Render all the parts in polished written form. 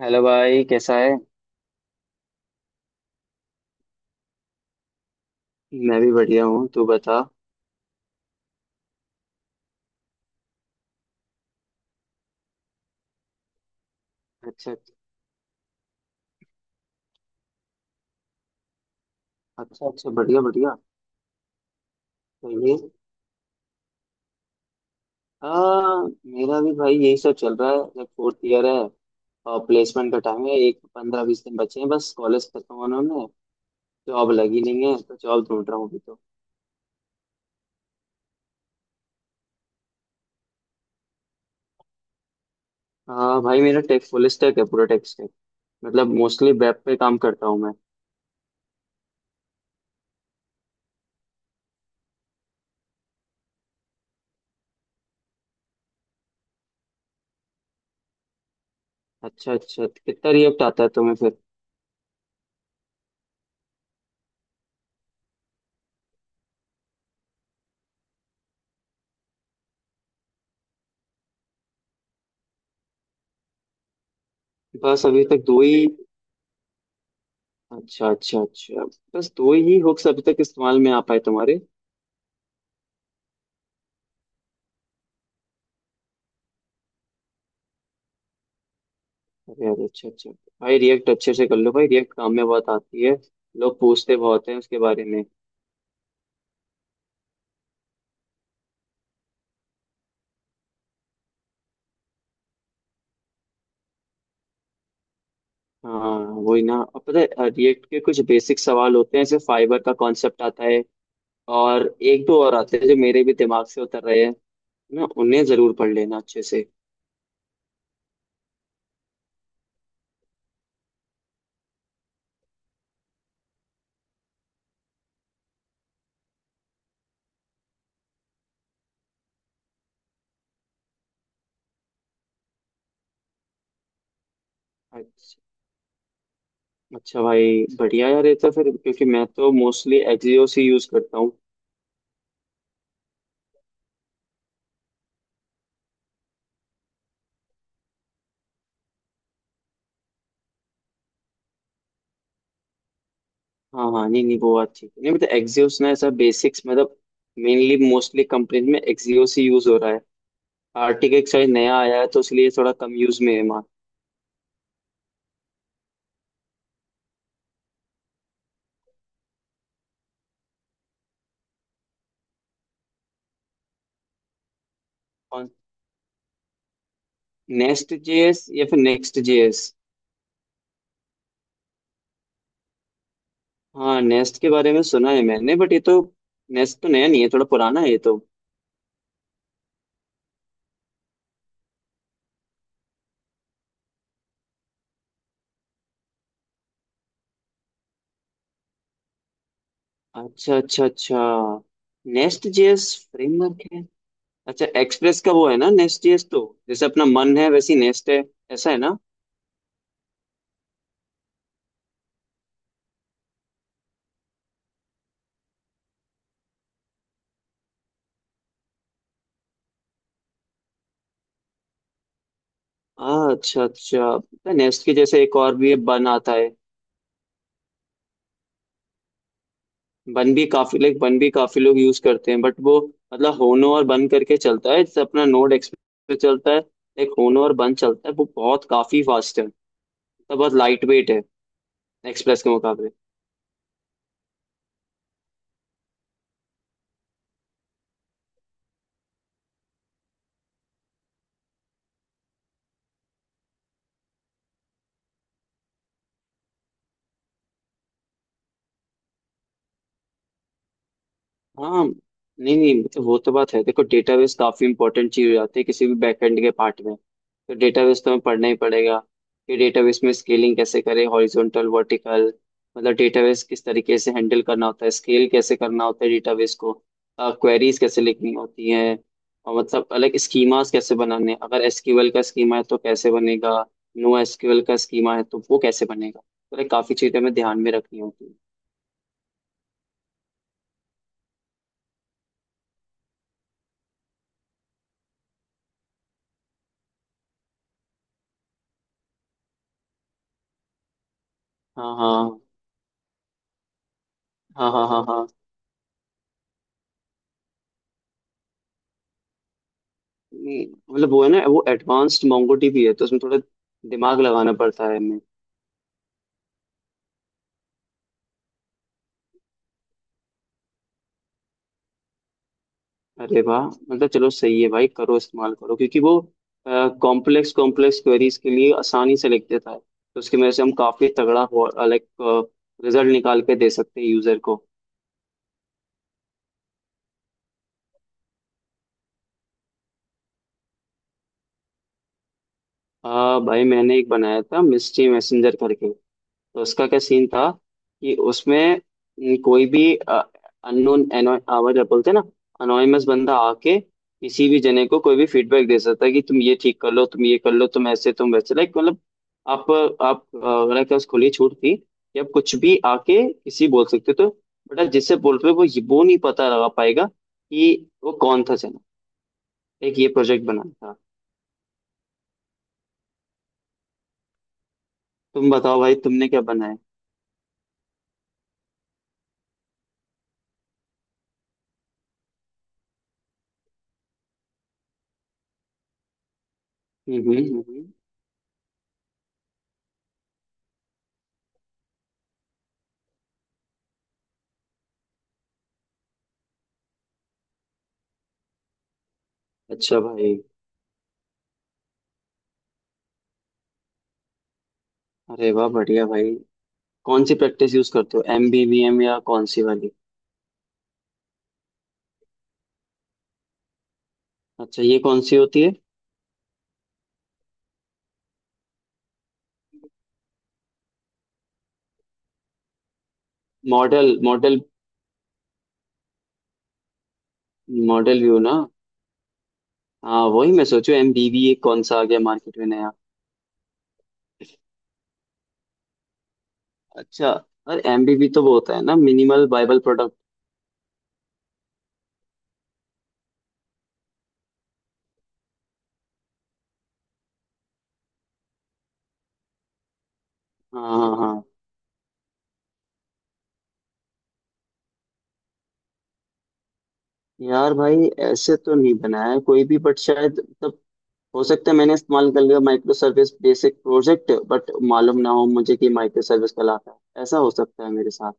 Hello भाई कैसा है? मैं भी बढ़िया हूँ, तू बता। अच्छा। अच्छा अच्छा, बढ़िया बढ़िया। सही है। आ, मेरा भी भाई यही सब चल रहा है, जब फोर्थ ईयर है और प्लेसमेंट का टाइम है। एक पंद्रह बीस दिन बचे हैं बस कॉलेज खत्म होने में। जॉब लगी नहीं है तो जॉब ढूंढ रहा हूँ अभी तो। हाँ भाई, मेरा टेक फुल स्टैक है, पूरा टेक स्टैक। मतलब मोस्टली वेब पे काम करता हूँ मैं। अच्छा अच्छा, तो कितना रिएक्ट आता है तुम्हें फिर? बस अभी तक दो ही? अच्छा अच्छा अच्छा। बस दो ही हुक्स अभी तक इस्तेमाल में आ पाए तुम्हारे। अरे अरे, अच्छा अच्छा। भाई रिएक्ट अच्छे से कर लो भाई, रिएक्ट काम में बहुत आती है। लोग पूछते बहुत हैं उसके बारे में। हाँ वही ना, अब पता है रिएक्ट के कुछ बेसिक सवाल होते हैं, जैसे फाइबर का कॉन्सेप्ट आता है और एक दो और आते हैं जो मेरे भी दिमाग से उतर रहे हैं ना, उन्हें जरूर पढ़ लेना अच्छे से। अच्छा अच्छा भाई, बढ़िया यार। ये तो फिर, क्योंकि मैं तो मोस्टली एक्सियोस ही यूज करता हूँ। हाँ हाँ, नहीं नहीं, वो बात ठीक है। नहीं मतलब एक्सियोस ना, ऐसा बेसिक्स मतलब, मेनली मोस्टली कंपनीज में एक्सियोस ही यूज हो रहा है। आर्टिक एक नया आया है, तो इसलिए थोड़ा कम यूज में है मार। और नेस्ट जेएस या फिर नेक्स्ट जेएस? हाँ, नेस्ट के बारे में सुना है मैंने, बट ये तो, नेस्ट तो नया नहीं है, थोड़ा पुराना है ये तो। अच्छा अच्छा अच्छा, नेस्ट जेएस फ्रेमवर्क है। अच्छा, एक्सप्रेस का वो है ना नेस्ट जेएस तो। जैसे अपना मन है, वैसी नेस्ट है, ऐसा है ना? अच्छा अच्छा, नेस्ट के जैसे एक और भी बन आता है। बन भी काफी, लाइक बन भी काफी लोग यूज करते हैं, बट वो, मतलब होनो और बन करके चलता है। जैसे अपना नोड एक्सप्रेस पे चलता है, लाइक होनो और बन चलता है, वो बहुत काफी फास्ट है। मतलब बहुत लाइट वेट है एक्सप्रेस के मुकाबले। हाँ, नहीं नहीं, मतलब वो तो बात है। देखो, डेटाबेस काफी इंपॉर्टेंट चीज हो जाती है किसी भी बैकएंड के पार्ट में, तो डेटाबेस तो हमें पढ़ना ही पड़ेगा, कि डेटाबेस में स्केलिंग कैसे करें, हॉरिजॉन्टल, वर्टिकल। मतलब डेटाबेस किस तरीके से हैंडल करना होता है, स्केल कैसे करना होता है डेटाबेस को, क्वेरीज कैसे लिखनी होती हैं। और मतलब अलग स्कीमास कैसे बनाने हैं। अगर एसक्यूएल का स्कीमा है तो कैसे बनेगा, नो एसक्यूएल का स्कीमा है तो वो कैसे बनेगा। तो काफी चीजें हमें ध्यान में रखनी होती है। हाँ हाँ हाँ हाँ। हाँ हाँ। नहीं, मतलब वो है ना, वो एडवांस्ड मोंगोडीबी है, तो उसमें थोड़ा दिमाग लगाना पड़ता है हमें। अरे वाह, मतलब चलो सही है भाई, करो इस्तेमाल करो, क्योंकि वो कॉम्प्लेक्स कॉम्प्लेक्स क्वेरीज के लिए आसानी से लिख देता है, तो उसकी वजह से हम काफी तगड़ा, लाइक, रिजल्ट निकाल के दे सकते हैं यूजर को। भाई मैंने एक बनाया था मिस्ट्री मैसेंजर करके। तो उसका क्या सीन था कि उसमें, न, कोई भी अननोन, क्या बोलते हैं ना, अनोनिमस बंदा आके किसी भी जने को कोई भी फीडबैक दे सकता है कि तुम ये ठीक कर लो, तुम ये कर लो, तुम ऐसे, तुम वैसे, लाइक मतलब, आप आप अगर, क्या, उस खुली छूट थी कि आप कुछ भी आके किसी बोल सकते हो। तो बेटा, जिससे बोल रहे हो, वो वो नहीं पता लगा पाएगा कि वो कौन था जना। एक ये प्रोजेक्ट बनाया था। तुम बताओ भाई, तुमने क्या बनाया? हम्म हम्म हम्म। अच्छा भाई, अरे वाह बढ़िया भाई। कौन सी प्रैक्टिस यूज करते हो, एम बी वी एम, या कौन सी वाली? अच्छा, ये कौन सी होती है? Model model. मॉडल व्यू ना? हाँ, वही मैं सोचू एम बी वी कौन सा आ गया मार्केट में नया। अच्छा। और एम बी वी तो वो होता है ना, मिनिमल बाइबल प्रोडक्ट। हाँ हाँ हाँ। यार भाई, ऐसे तो नहीं बनाया है कोई भी, बट शायद, मतलब, हो सकता है मैंने इस्तेमाल कर लिया microservice basic project, but मालूम ना हो मुझे कि माइक्रो सर्विस कहलाता है। ऐसा हो सकता है मेरे साथ।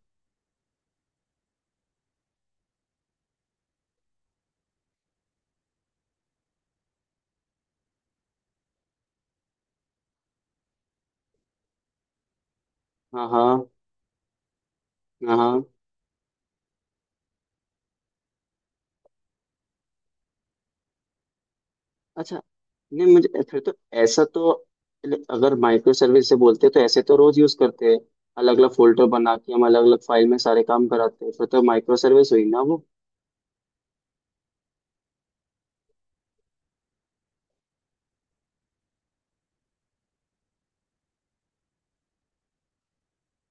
हाँ हाँ हाँ हाँ। अच्छा। नहीं, मुझे फिर तो, ऐसा तो, अगर माइक्रो सर्विस से बोलते हैं तो ऐसे तो रोज यूज करते हैं। अलग अलग फोल्डर बना के हम अलग अलग फाइल में सारे काम कराते हैं, फिर तो माइक्रो सर्विस हुई ना वो?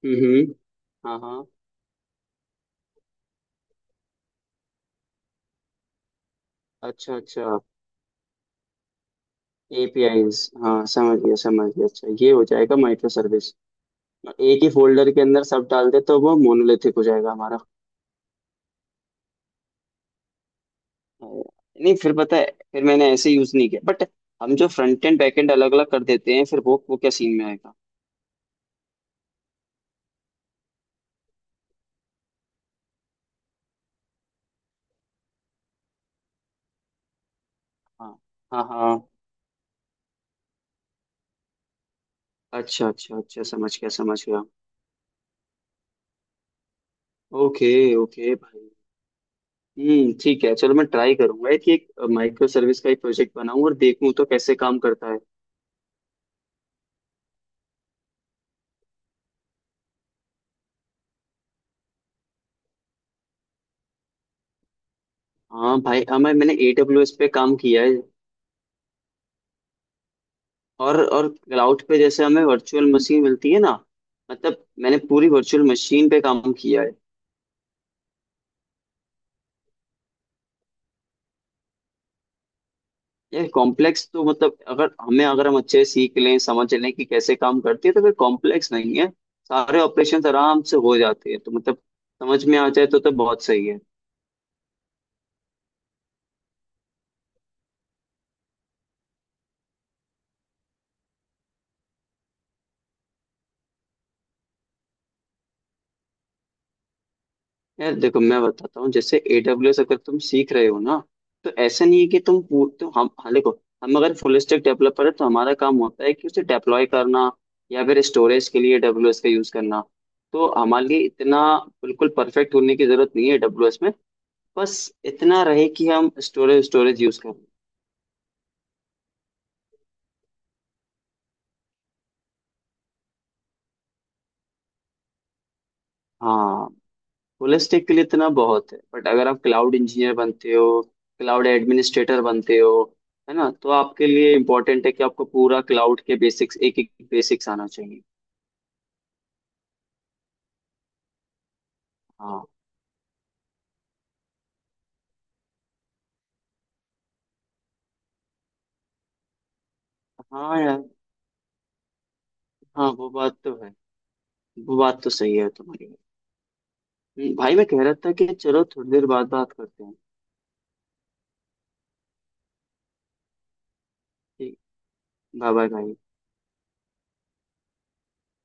हम्म। हाँ हाँ। अच्छा अच्छा, एपीआईज, हाँ समझ गया समझ गया, अच्छा, ये हो जाएगा माइक्रो सर्विस। एक ही फोल्डर के अंदर सब डाल दे तो वो मोनोलिथिक हो जाएगा हमारा। नहीं फिर पता है, फिर मैंने ऐसे यूज नहीं किया, बट हम जो फ्रंट एंड बैक एंड अलग अलग कर देते हैं, फिर वो क्या सीन में आएगा? हाँ हाँ हाँ। अच्छा अच्छा अच्छा, समझ गया समझ गया। ओके, ओके भाई। हम्म, ठीक है, चलो मैं ट्राई करूंगा कि एक माइक्रो सर्विस का एक प्रोजेक्ट बनाऊं और देखूं तो कैसे काम करता है। हाँ भाई हाँ, मैंने AWS पे काम किया है। और क्लाउड पे जैसे हमें वर्चुअल मशीन मिलती है ना, मतलब मैंने पूरी वर्चुअल मशीन पे काम किया है। यार कॉम्प्लेक्स तो, मतलब अगर हम अच्छे से सीख लें समझ लें कि कैसे काम करती है, तो फिर कॉम्प्लेक्स नहीं है। सारे ऑपरेशन आराम से हो जाते हैं, तो मतलब समझ में आ जाए तो बहुत सही है। यार देखो, मैं बताता हूँ, जैसे AWS अगर तुम सीख रहे हो ना, तो ऐसा नहीं है कि तो हम, हाँ देखो, हम अगर फुल स्टैक डेवलपर है तो हमारा काम होता है कि उसे डेप्लॉय करना, या फिर स्टोरेज के लिए AWS का यूज करना। तो हमारे लिए इतना बिल्कुल परफेक्ट होने की जरूरत नहीं है AWS में। बस इतना रहे कि हम स्टोरेज स्टोरेज यूज करें। हाँ, होलिस्टिक के लिए इतना बहुत है, बट अगर आप क्लाउड इंजीनियर बनते हो, क्लाउड एडमिनिस्ट्रेटर बनते हो, है ना, तो आपके लिए इम्पोर्टेंट है कि आपको पूरा क्लाउड के बेसिक्स, एक एक बेसिक्स आना चाहिए। हाँ हाँ यार। हाँ वो बात तो है, वो बात तो सही है तुम्हारी। भाई मैं कह रहा था कि चलो थोड़ी देर बाद बात करते हैं। ठीक। बाय बाय भाई।